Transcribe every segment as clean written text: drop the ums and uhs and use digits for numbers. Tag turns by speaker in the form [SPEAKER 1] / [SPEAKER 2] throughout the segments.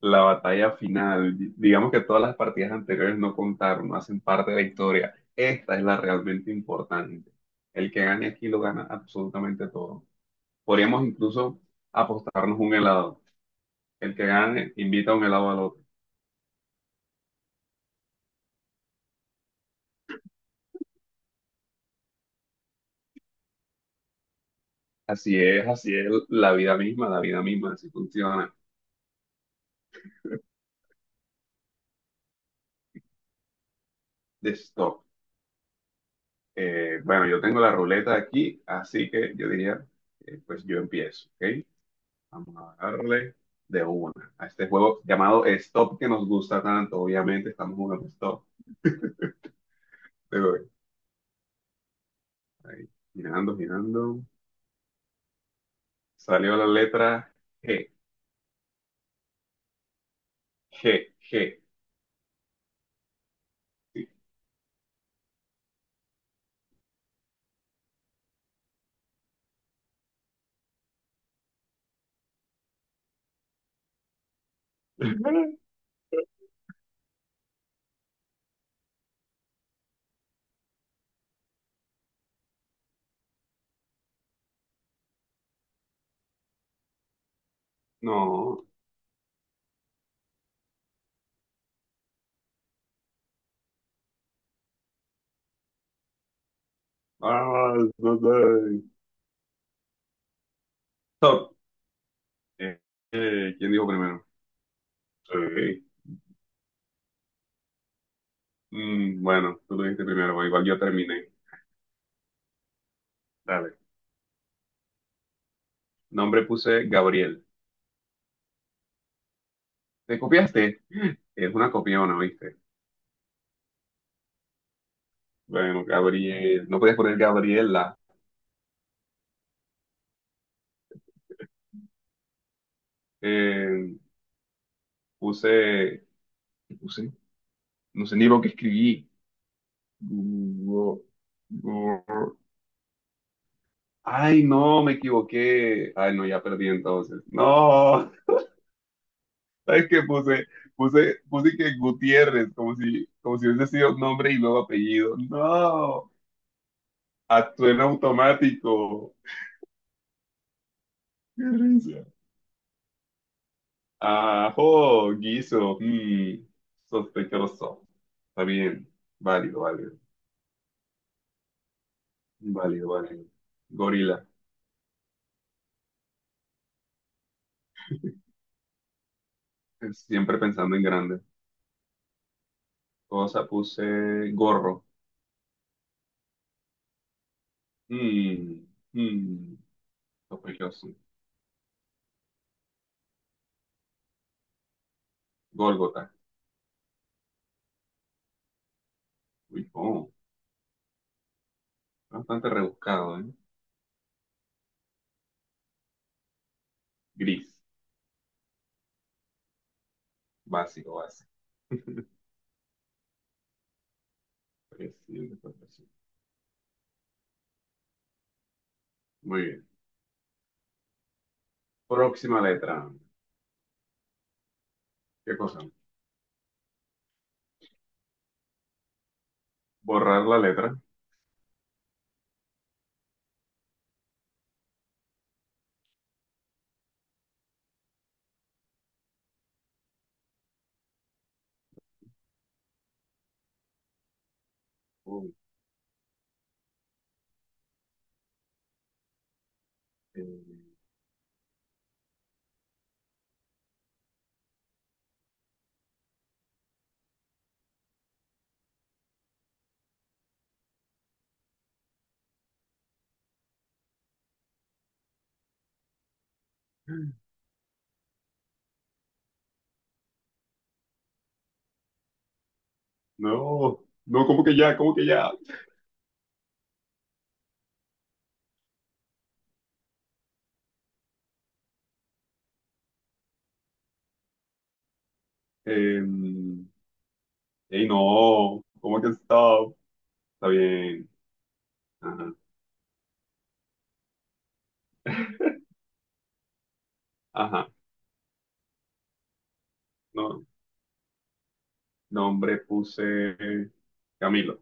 [SPEAKER 1] La batalla final, digamos que todas las partidas anteriores no contaron, no hacen parte de la historia. Esta es la realmente importante. El que gane aquí lo gana absolutamente todo. Podríamos incluso apostarnos un helado. El que gane invita un helado al otro. Así es la vida misma, así funciona. De stop. Bueno, yo tengo la ruleta aquí, así que yo diría, pues yo empiezo, ¿ok? Vamos a darle de una a este juego llamado Stop que nos gusta tanto. Obviamente estamos jugando Stop. Pero ahí, girando, girando. Salió la letra G, G, G. Sí. No. Ah, no sé. Stop. Eh, ¿Quién dijo primero? Sí. Mm, bueno, tú lo dijiste primero, pero igual yo terminé. Dale. Nombre puse Gabriel. ¿Te copiaste? Es una copiona, ¿viste? Bueno, Gabriel. No podías poner Gabriela. eh, puse, puse, no sé ni lo que escribí. Gu- gu- Ay, no, me equivoqué. Ay, no, ya perdí entonces. No, ¿sabes qué puse? Puse que Gutiérrez, como si hubiese sido nombre y luego apellido. No, actué en automático. Qué risa. Ajo, guiso, sospechoso. Está bien, válido, válido, válido, válido. Gorila. Siempre pensando en grande. Cosa puse gorro. Mm, mm, sospechoso. Gólgota. Uy, oh, bastante rebuscado, ¿eh? Gris. Básico, básico. Pues, sí, pues, sí. Muy bien. Próxima letra. ¿Qué cosa? Borrar la letra. Uy, eh, No, no, ¿cómo que ya? ¿Cómo que ya? Eh, ey, no, ¿cómo que stop? Está bien. Ajá, ajá. No. Nombre puse Camilo.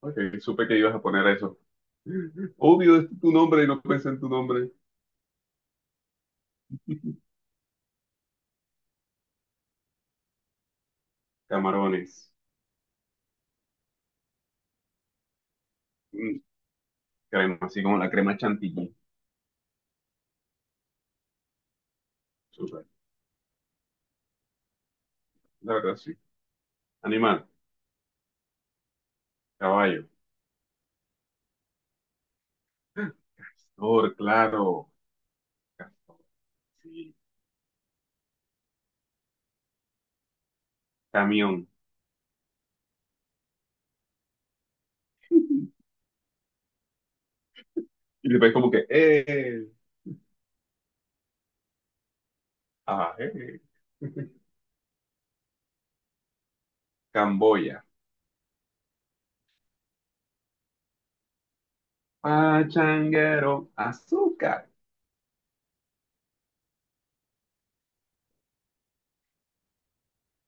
[SPEAKER 1] Ok, supe que ibas a poner eso. Obvio, es tu nombre y no pensé en tu nombre. Camarones. Mm, crema, así como la crema chantilly. Súper. La verdad, sí. Animal. Caballo. Castor, claro. Castor, sí. Camión. Y después como que, ah, eh. Camboya. Pachanguero. Azúcar.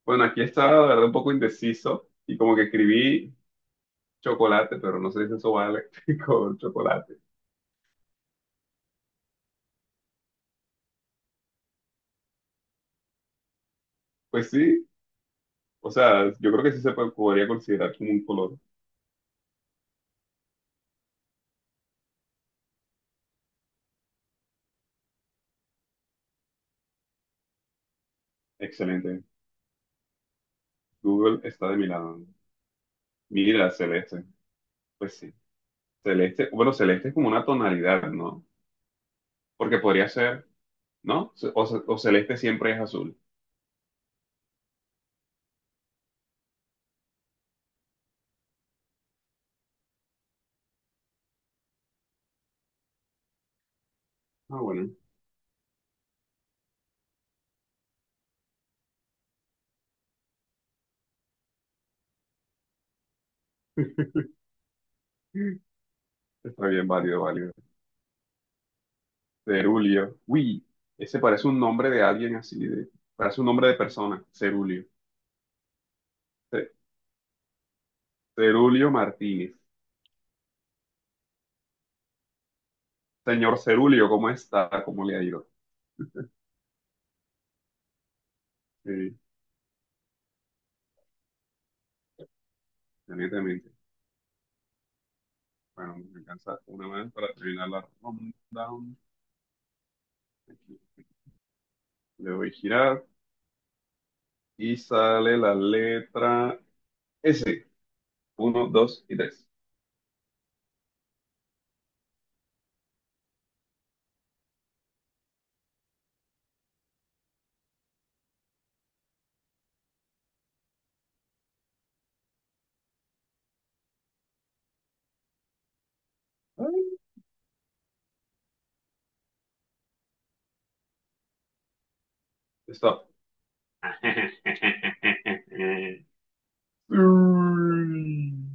[SPEAKER 1] Bueno, aquí estaba, la verdad, un poco indeciso y como que escribí chocolate, pero no se dice sobal con chocolate. Pues sí, o sea, yo creo que sí se podría considerar como un color. Excelente. Google está de mi lado. Mira, celeste. Pues sí. Celeste, bueno, celeste es como una tonalidad, ¿no? Porque podría ser, ¿no? O, o celeste siempre es azul. Ah, bueno. Está bien, válido, válido. Cerulio. Uy, ese parece un nombre de alguien así, de- parece un nombre de persona. Cerulio. Ce- Cerulio Martínez. Señor Cerulio, ¿cómo está? ¿Cómo le ha ido? Sí, evidentemente. Bueno, me alcanza una más para terminar la ronda. Aquí le doy girar y sale la letra S. Uno, dos y tres. Ay, stop. Mm.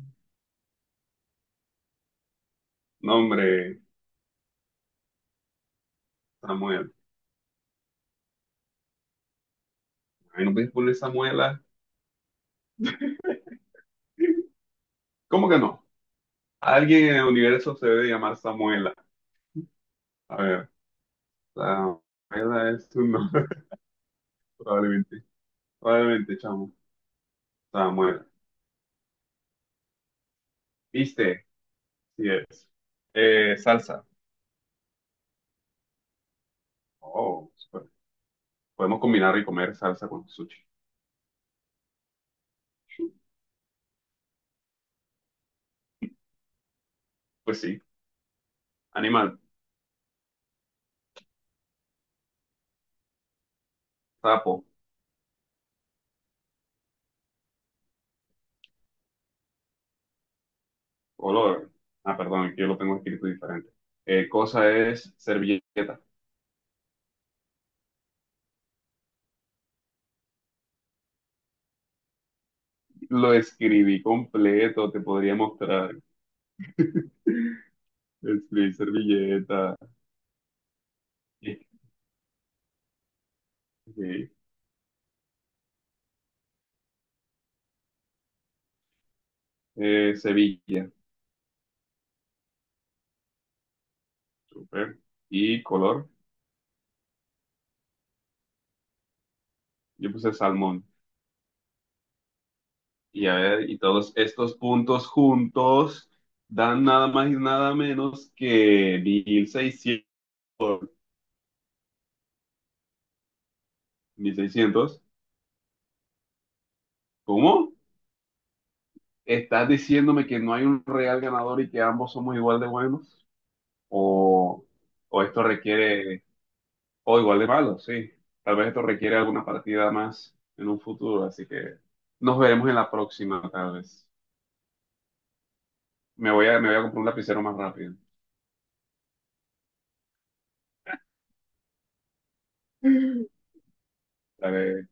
[SPEAKER 1] No, hombre, Samuel. Ay, no puedes poner Samuela. ¿Cómo que no? Alguien en el universo se debe llamar Samuela. A ver, Samuela es tu nombre, probablemente. Probablemente, chamo. Estaba muerta. ¿Viste? Sí es. Salsa. Oh, super. Podemos combinar y comer salsa con sushi. Pues sí. Animal, sapo, olor. Ah, perdón, aquí yo lo tengo escrito diferente. Cosa es servilleta. Lo escribí completo, te podría mostrar. Escribí servilleta. Sí. Eh, Sevilla. Super. Y color. Yo puse salmón. Y a ver, y todos estos puntos juntos dan nada más y nada menos que 1600. Mil seiscientos. ¿Cómo? ¿Estás diciéndome que no hay un real ganador y que ambos somos igual de buenos? ¿O, o esto requiere, o igual de malos? Sí. Tal vez esto requiere alguna partida más en un futuro, así que nos veremos en la próxima, tal vez. Me voy a comprar un lapicero más rápido. Dale.